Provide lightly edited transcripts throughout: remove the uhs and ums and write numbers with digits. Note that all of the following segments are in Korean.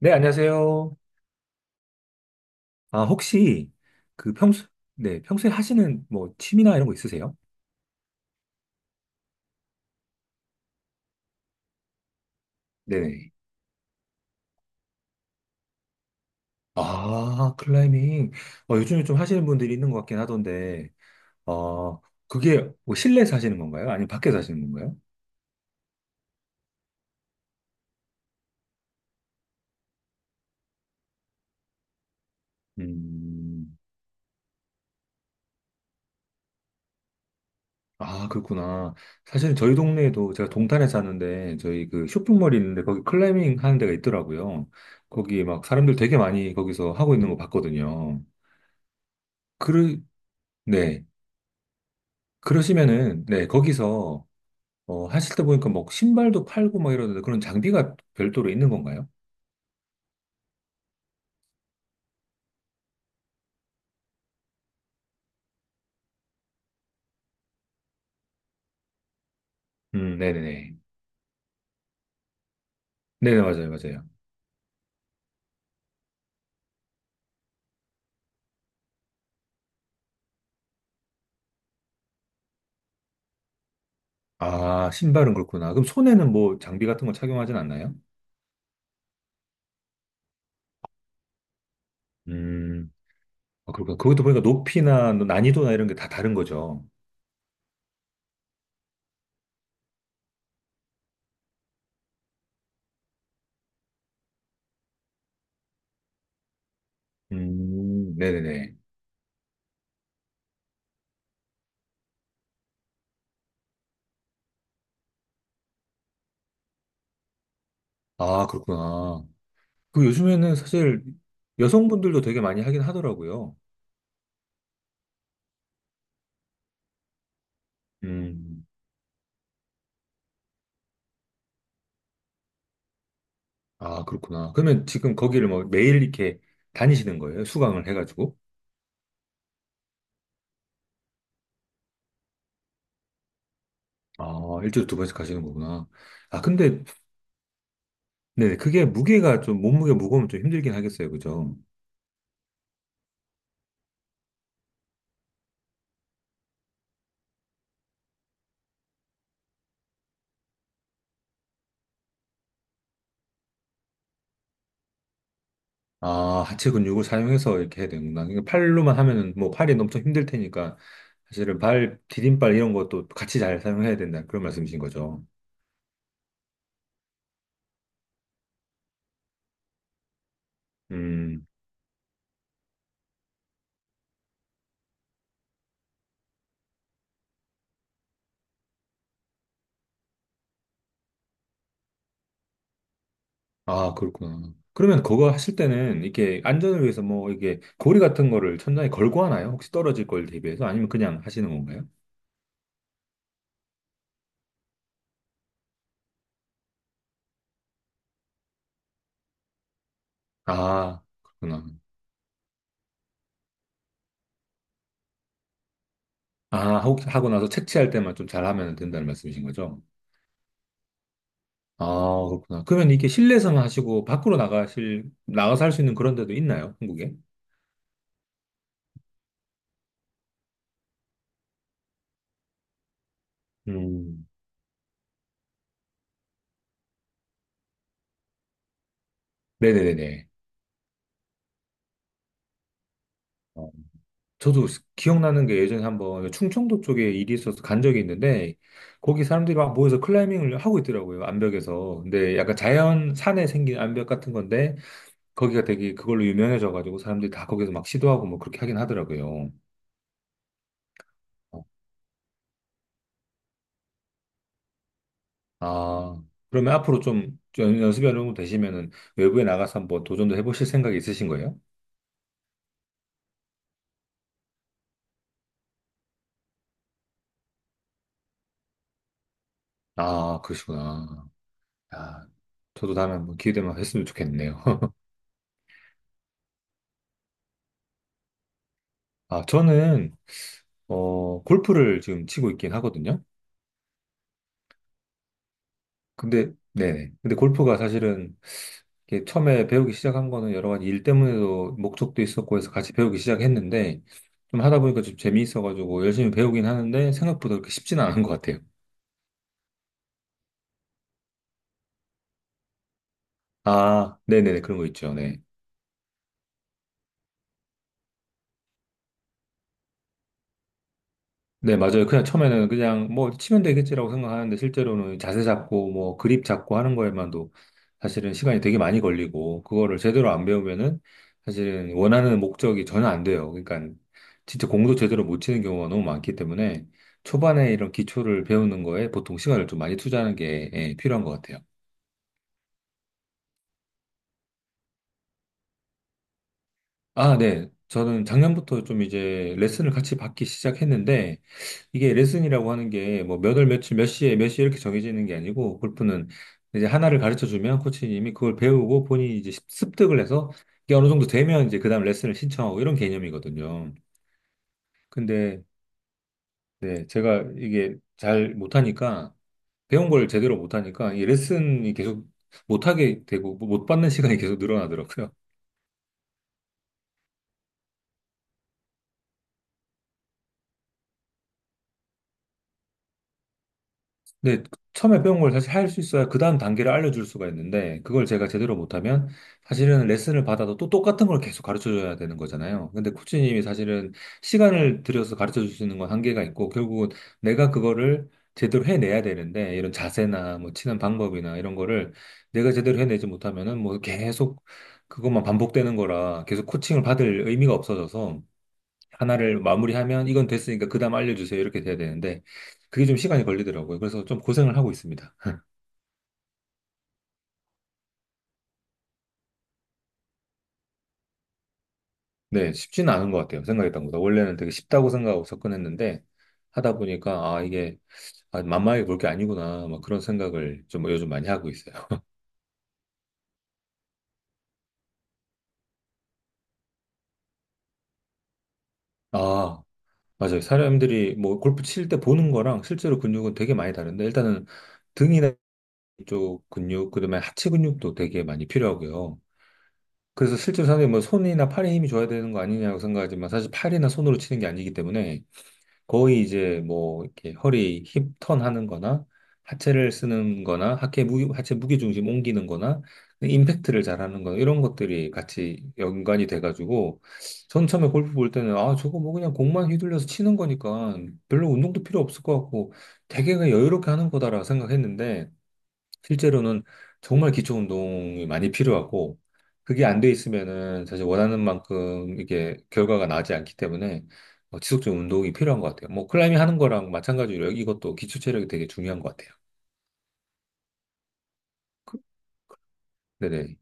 네, 안녕하세요. 아, 혹시 그 평소, 네, 평소에 하시는 뭐 취미나 이런 거 있으세요? 네네. 아, 클라이밍. 요즘에 좀 하시는 분들이 있는 것 같긴 하던데, 어, 그게 뭐 실내에서 하시는 건가요? 아니면 밖에서 하시는 건가요? 음, 아, 그렇구나. 사실 저희 동네에도 제가 동탄에 사는데, 저희 그 쇼핑몰이 있는데, 거기 클라이밍 하는 데가 있더라고요. 거기 막 사람들 되게 많이 거기서 하고 있는 거 봤거든요. 그러, 네. 그러시면은, 네, 거기서 하실 때 보니까 뭐 신발도 팔고 막 이러는데 그런 장비가 별도로 있는 건가요? 네네네. 네네, 맞아요, 맞아요. 아, 신발은 그렇구나. 그럼 손에는 뭐 장비 같은 거 착용하진 않나요? 음, 아, 그렇구나. 그것도 보니까 높이나 뭐 난이도나 이런 게 다 다른 거죠. 네네네. 아, 그렇구나. 그 요즘에는 사실 여성분들도 되게 많이 하긴 하더라고요. 음, 아, 그렇구나. 그러면 지금 거기를 뭐 매일 이렇게 다니시는 거예요? 수강을 해가지고? 아, 일주일에 두 번씩 가시는 거구나. 아, 근데, 네, 그게 무게가 좀, 몸무게 무거우면 좀 힘들긴 하겠어요. 그죠? 아, 하체 근육을 사용해서 이렇게 해야 되는구나. 그러니까 팔로만 하면은 뭐 팔이 엄청 힘들 테니까, 사실은 발, 디딤발 이런 것도 같이 잘 사용해야 된다. 그런 말씀이신 거죠. 음, 아, 그렇구나. 그러면 그거 하실 때는 이렇게 안전을 위해서 뭐 이게 고리 같은 거를 천장에 걸고 하나요? 혹시 떨어질 걸 대비해서? 아니면 그냥 하시는 건가요? 아, 그렇구나. 아, 하고 나서 채취할 때만 좀 잘하면 된다는 말씀이신 거죠? 아, 그렇구나. 그러면 이게 실내에서만 하시고 밖으로 나가실, 나가서 할 수 있는 그런 데도 있나요? 한국에? 음. 네네네네. 어, 저도 기억나는 게 예전에 한번 충청도 쪽에 일이 있어서 간 적이 있는데 거기 사람들이 막 모여서 클라이밍을 하고 있더라고요. 암벽에서. 근데 약간 자연 산에 생긴 암벽 같은 건데 거기가 되게 그걸로 유명해져가지고 사람들이 다 거기서 막 시도하고 뭐 그렇게 하긴 하더라고요. 아, 그러면 앞으로 좀 연습이 어느 정도 되시면은 외부에 나가서 한번 도전도 해보실 생각이 있으신 거예요? 아, 그러시구나. 아, 저도 다음에 한번 기회 되면 했으면 좋겠네요. 아, 저는, 골프를 지금 치고 있긴 하거든요. 근데, 네네. 근데 골프가 사실은 이게 처음에 배우기 시작한 거는 여러 가지 일 때문에도 목적도 있었고 해서 같이 배우기 시작했는데 좀 하다 보니까 좀 재미있어가지고 열심히 배우긴 하는데 생각보다 그렇게 쉽지는 않은 것 같아요. 아, 네네네. 그런 거 있죠. 네. 네, 맞아요. 그냥 처음에는 그냥 뭐 치면 되겠지라고 생각하는데 실제로는 자세 잡고 뭐 그립 잡고 하는 거에만도 사실은 시간이 되게 많이 걸리고 그거를 제대로 안 배우면은 사실은 원하는 목적이 전혀 안 돼요. 그러니까 진짜 공도 제대로 못 치는 경우가 너무 많기 때문에 초반에 이런 기초를 배우는 거에 보통 시간을 좀 많이 투자하는 게 예, 필요한 것 같아요. 아, 네. 저는 작년부터 좀 이제 레슨을 같이 받기 시작했는데, 이게 레슨이라고 하는 게 뭐 몇 월 며칠 몇 시에 몇 시 이렇게 정해지는 게 아니고, 골프는 이제 하나를 가르쳐 주면 코치님이 그걸 배우고 본인이 이제 습득을 해서 이게 어느 정도 되면 이제 그 다음 레슨을 신청하고 이런 개념이거든요. 근데 네, 제가 이게 잘 못하니까, 배운 걸 제대로 못하니까 이 레슨이 계속 못하게 되고 뭐 못 받는 시간이 계속 늘어나더라고요. 근데 처음에 배운 걸 사실 할 수 있어야 그 다음 단계를 알려줄 수가 있는데 그걸 제가 제대로 못하면 사실은 레슨을 받아도 또 똑같은 걸 계속 가르쳐줘야 되는 거잖아요. 근데 코치님이 사실은 시간을 들여서 가르쳐줄 수 있는 건 한계가 있고 결국은 내가 그거를 제대로 해내야 되는데 이런 자세나 뭐 치는 방법이나 이런 거를 내가 제대로 해내지 못하면은 뭐 계속 그것만 반복되는 거라 계속 코칭을 받을 의미가 없어져서 하나를 마무리하면 이건 됐으니까 그 다음 알려주세요. 이렇게 돼야 되는데 그게 좀 시간이 걸리더라고요. 그래서 좀 고생을 하고 있습니다. 네, 쉽지는 않은 것 같아요. 생각했던 것보다. 원래는 되게 쉽다고 생각하고 접근했는데 하다 보니까 아, 이게 아, 만만하게 볼 게 아니구나. 막 그런 생각을 좀 요즘 많이 하고 있어요. 아, 맞아요. 사람들이 뭐 골프 칠 때 보는 거랑 실제로 근육은 되게 많이 다른데 일단은 등이나 이쪽 근육, 그다음에 하체 근육도 되게 많이 필요하고요. 그래서 실제로 사람들이 뭐 손이나 팔에 힘이 줘야 되는 거 아니냐고 생각하지만 사실 팔이나 손으로 치는 게 아니기 때문에 거의 이제 뭐 이렇게 허리 힙턴 하는 거나 하체를 쓰는 거나 하체 무게, 하체 무게 중심 옮기는 거나 임팩트를 잘하는 거나 이런 것들이 같이 연관이 돼가지고 전 처음에 골프 볼 때는 아 저거 뭐 그냥 공만 휘둘려서 치는 거니까 별로 운동도 필요 없을 것 같고 되게 그냥 여유롭게 하는 거다라고 생각했는데 실제로는 정말 기초 운동이 많이 필요하고 그게 안 돼 있으면은 사실 원하는 만큼 이게 결과가 나지 않기 때문에 지속적인 운동이 필요한 것 같아요. 뭐 클라이밍 하는 거랑 마찬가지로 이것도 기초 체력이 되게 중요한 것 같아요. 네네.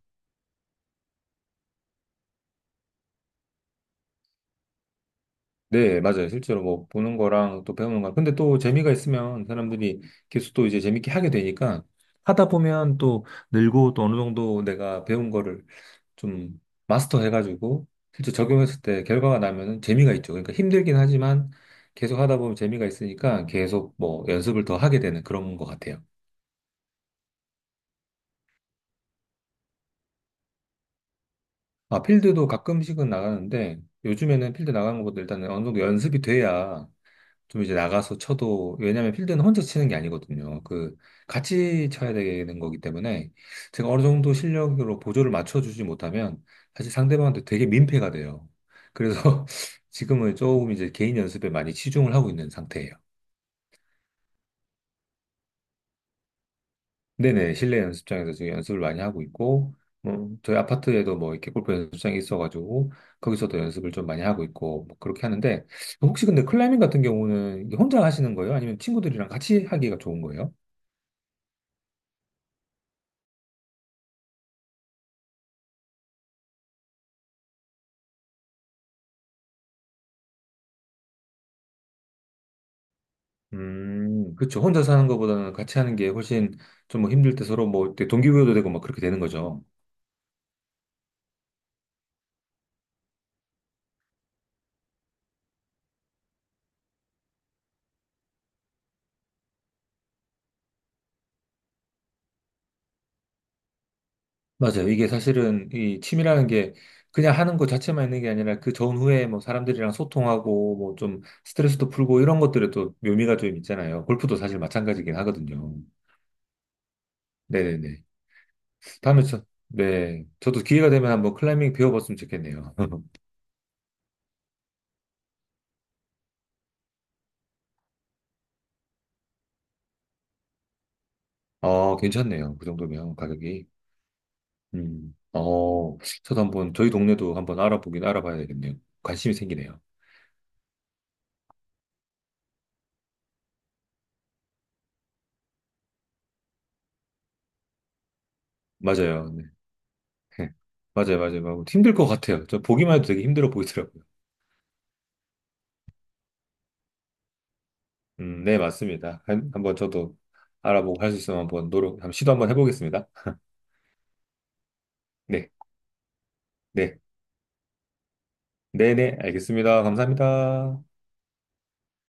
네, 맞아요. 실제로 뭐 보는 거랑 또 배우는 거랑. 근데 또 재미가 있으면 사람들이 계속 또 이제 재밌게 하게 되니까 하다 보면 또 늘고 또 어느 정도 내가 배운 거를 좀 마스터해가지고 실제 적용했을 때 결과가 나면은 재미가 있죠. 그러니까 힘들긴 하지만 계속 하다 보면 재미가 있으니까 계속 뭐 연습을 더 하게 되는 그런 것 같아요. 아, 필드도 가끔씩은 나가는데 요즘에는 필드 나가는 것보다 일단은 어느 정도 연습이 돼야 좀 이제 나가서 쳐도, 왜냐면 필드는 혼자 치는 게 아니거든요. 그, 같이 쳐야 되는 거기 때문에 제가 어느 정도 실력으로 보조를 맞춰주지 못하면 사실 상대방한테 되게 민폐가 돼요. 그래서 지금은 조금 이제 개인 연습에 많이 치중을 하고 있는 상태예요. 네네, 실내 연습장에서 지금 연습을 많이 하고 있고, 뭐, 저희 아파트에도 뭐 이렇게 골프 연습장이 있어가지고, 거기서도 연습을 좀 많이 하고 있고, 뭐 그렇게 하는데, 혹시 근데 클라이밍 같은 경우는 혼자 하시는 거예요? 아니면 친구들이랑 같이 하기가 좋은 거예요? 그쵸. 혼자 사는 것보다는 같이 하는 게 훨씬 좀뭐 힘들 때 서로 뭐 이렇게 동기부여도 되고 막 그렇게 되는 거죠. 맞아요. 이게 사실은 이 취미라는 게 그냥 하는 것 자체만 있는 게 아니라 그 전후에 뭐 사람들이랑 소통하고 뭐 좀 스트레스도 풀고 이런 것들에 또 묘미가 좀 있잖아요. 골프도 사실 마찬가지긴 하거든요. 네네네. 다음에 네. 저도 기회가 되면 한번 클라이밍 배워봤으면 좋겠네요. 괜찮네요. 그 정도면 가격이. 음. 저도 한번 저희 동네도 한번 알아보긴 알아봐야 되겠네요. 관심이 생기네요. 맞아요. 네. 맞아요, 맞아요. 뭐 힘들 것 같아요. 저 보기만 해도 되게 힘들어 보이더라고요. 네, 맞습니다. 한번 저도 알아보고 할 수 있으면 한번 노력, 한번 시도 한번 해보겠습니다. 네, 네, 네, 네, 알겠습니다. 감사합니다.